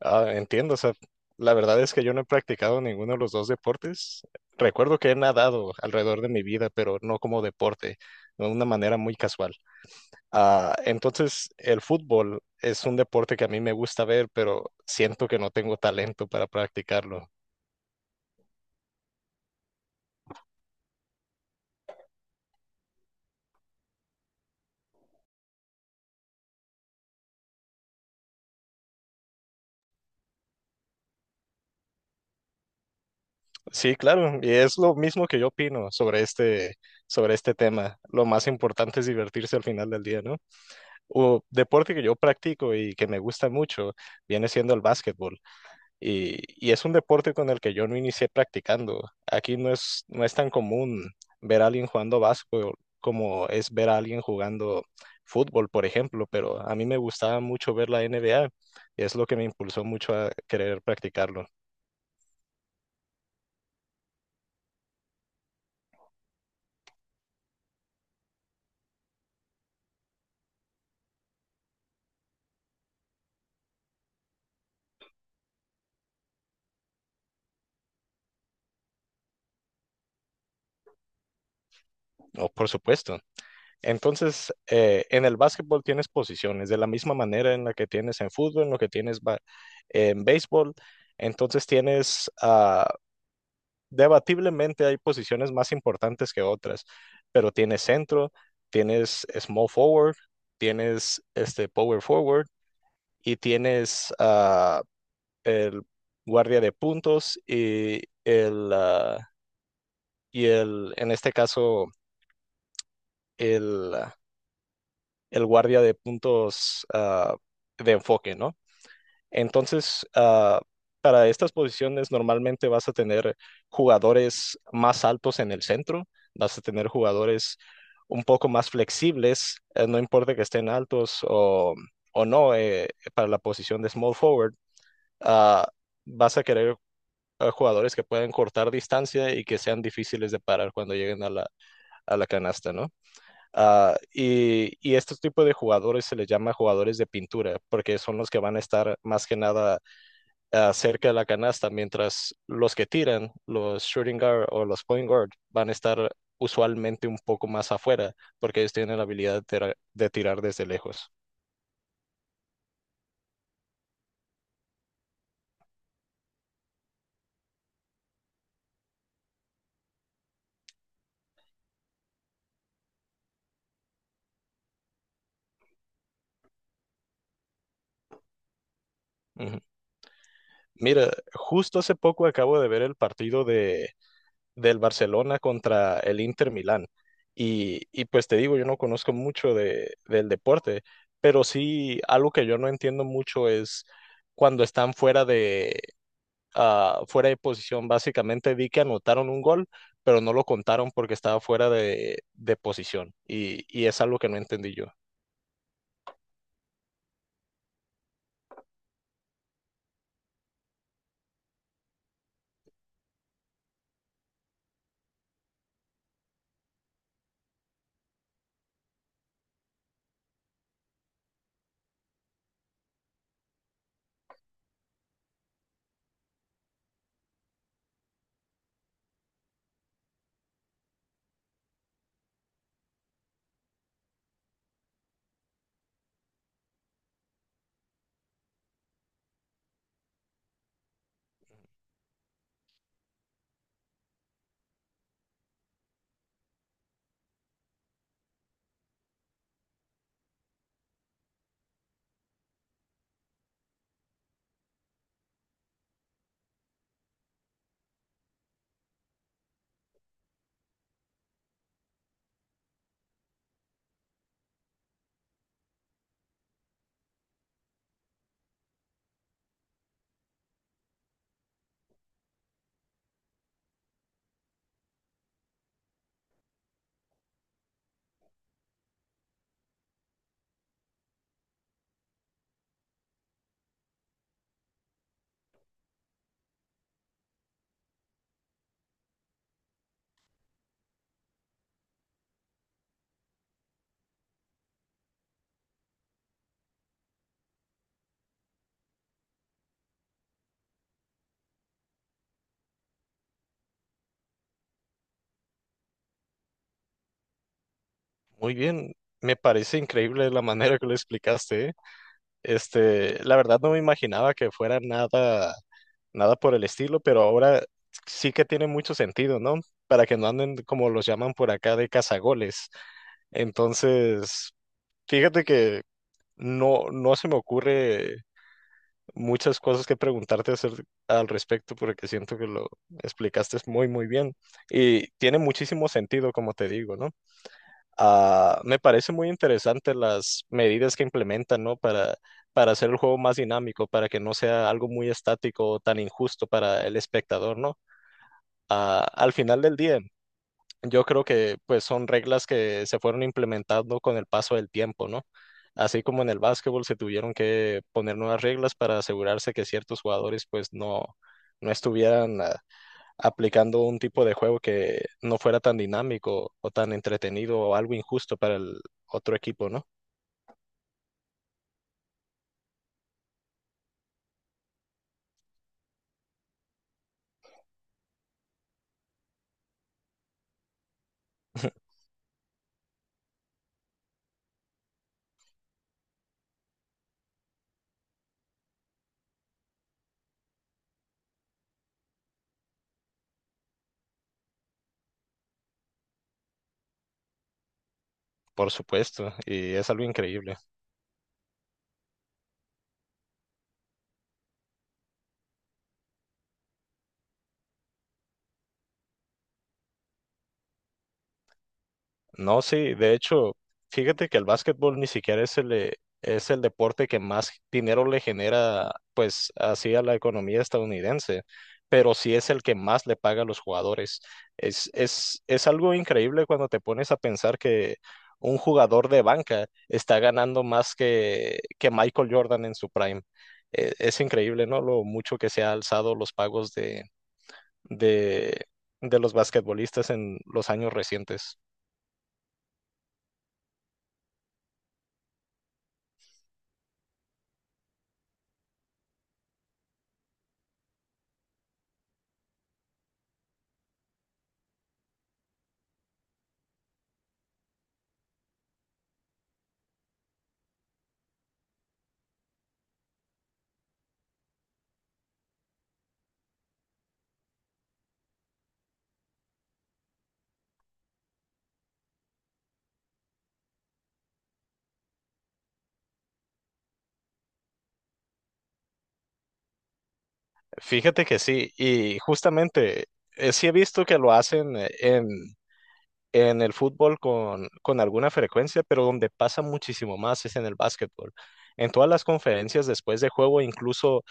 Entiendo, o sea, la verdad es que yo no he practicado ninguno de los dos deportes. Recuerdo que he nadado alrededor de mi vida, pero no como deporte, de una manera muy casual. Entonces, el fútbol es un deporte que a mí me gusta ver, pero siento que no tengo talento para practicarlo. Sí, claro, y es lo mismo que yo opino sobre este tema. Lo más importante es divertirse al final del día, ¿no? O deporte que yo practico y que me gusta mucho viene siendo el básquetbol. Y es un deporte con el que yo no inicié practicando. Aquí no es tan común ver a alguien jugando básquetbol como es ver a alguien jugando fútbol, por ejemplo, pero a mí me gustaba mucho ver la NBA y es lo que me impulsó mucho a querer practicarlo. Oh, por supuesto. Entonces, en el básquetbol tienes posiciones, de la misma manera en la que tienes en fútbol, en lo que en béisbol. Entonces tienes, debatiblemente hay posiciones más importantes que otras, pero tienes centro, tienes small forward, tienes este power forward y tienes, el guardia de puntos y el, en este caso, el, ah, el guardia de puntos de enfoque, ¿no? Entonces, para estas posiciones normalmente vas a tener jugadores más altos en el centro, vas a tener jugadores un poco más flexibles, no importa que estén altos o no, para la posición de small forward, ah, vas a querer jugadores que puedan cortar distancia y que sean difíciles de parar cuando lleguen a a la canasta, ¿no? Y este tipo de jugadores se les llama jugadores de pintura, porque son los que van a estar más que nada, cerca de la canasta, mientras los que tiran, los shooting guard o los point guard, van a estar usualmente un poco más afuera, porque ellos tienen la habilidad de tirar desde lejos. Ujú. Mira, justo hace poco acabo de ver el del Barcelona contra el Inter Milán. Y pues te digo, yo no conozco del deporte, pero sí algo que yo no entiendo mucho es cuando están fuera de posición. Básicamente vi que anotaron un gol, pero no lo contaron porque estaba de posición. Y es algo que no entendí yo. Muy bien, me parece increíble la manera que lo explicaste, ¿eh? Este, la verdad no me imaginaba que fuera nada por el estilo, pero ahora sí que tiene mucho sentido, ¿no? Para que no anden como los llaman por acá de cazagoles. Entonces, fíjate que no se me ocurre muchas cosas que al respecto porque siento que lo explicaste muy, muy bien y tiene muchísimo sentido, como te digo, ¿no? Me parece muy interesante las medidas que implementan, ¿no? Para hacer el juego más dinámico, para que no sea algo muy estático o tan injusto para el espectador, ¿no? Al final del día, yo creo que pues son reglas que se fueron implementando con el paso del tiempo, ¿no? Así como en el básquetbol se tuvieron que poner nuevas reglas para asegurarse que ciertos jugadores pues no estuvieran, aplicando un tipo de juego que no fuera tan dinámico o tan entretenido o algo injusto para el otro equipo, ¿no? Por supuesto, y es algo increíble. No, sí, de hecho, fíjate que el básquetbol ni siquiera es es el deporte que más dinero le genera, pues, así a la economía estadounidense, pero sí es el que más le paga a los jugadores. Es algo increíble cuando te pones a pensar que un jugador de banca está ganando más que Michael Jordan en su prime. Es increíble, ¿no? Lo mucho que se ha alzado los de, de los basquetbolistas en los años recientes. Fíjate que sí, y justamente sí he visto que lo hacen en el fútbol con alguna frecuencia, pero donde pasa muchísimo más es en el básquetbol. En todas las conferencias después de juego, incluso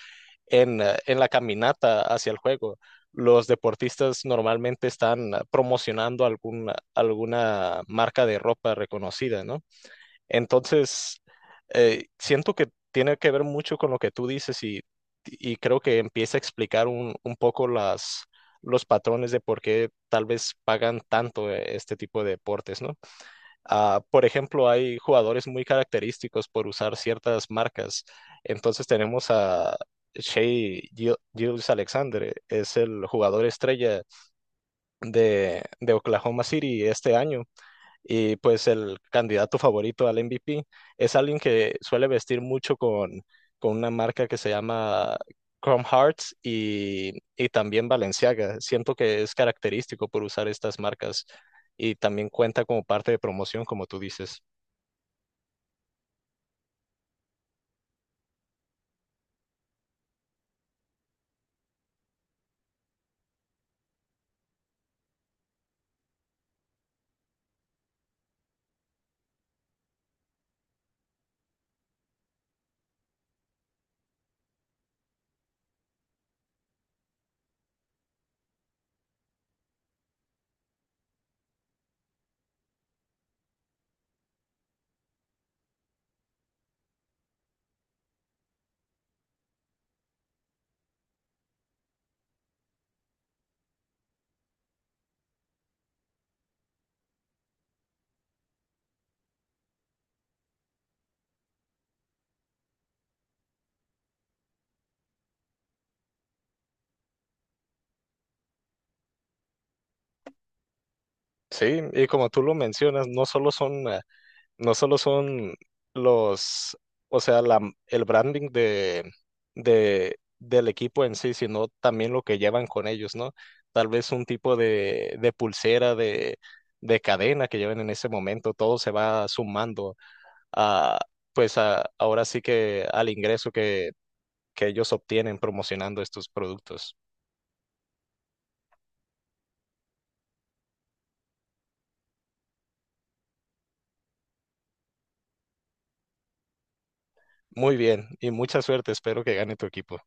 en la caminata hacia el juego, los deportistas normalmente están promocionando alguna marca de ropa reconocida, ¿no? Entonces, siento que tiene que ver mucho con lo que tú dices y creo que empieza a explicar un poco los patrones de por qué tal vez pagan tanto este tipo de deportes, ¿no? Ah, por ejemplo, hay jugadores muy característicos por usar ciertas marcas. Entonces tenemos a Gilgeous-Alexander, es el jugador estrella de Oklahoma City este año y pues el candidato favorito al MVP es alguien que suele vestir mucho con una marca que se llama Chrome Hearts y también Balenciaga. Siento que es característico por usar estas marcas y también cuenta como parte de promoción, como tú dices. Sí, y como tú lo mencionas, no solo son los, o sea, la, el branding del equipo en sí, sino también lo que llevan con ellos, ¿no? Tal vez un de pulsera, de cadena que lleven en ese momento, todo se va sumando a, pues a, ahora sí que al ingreso que ellos obtienen promocionando estos productos. Muy bien y mucha suerte, espero que gane tu equipo.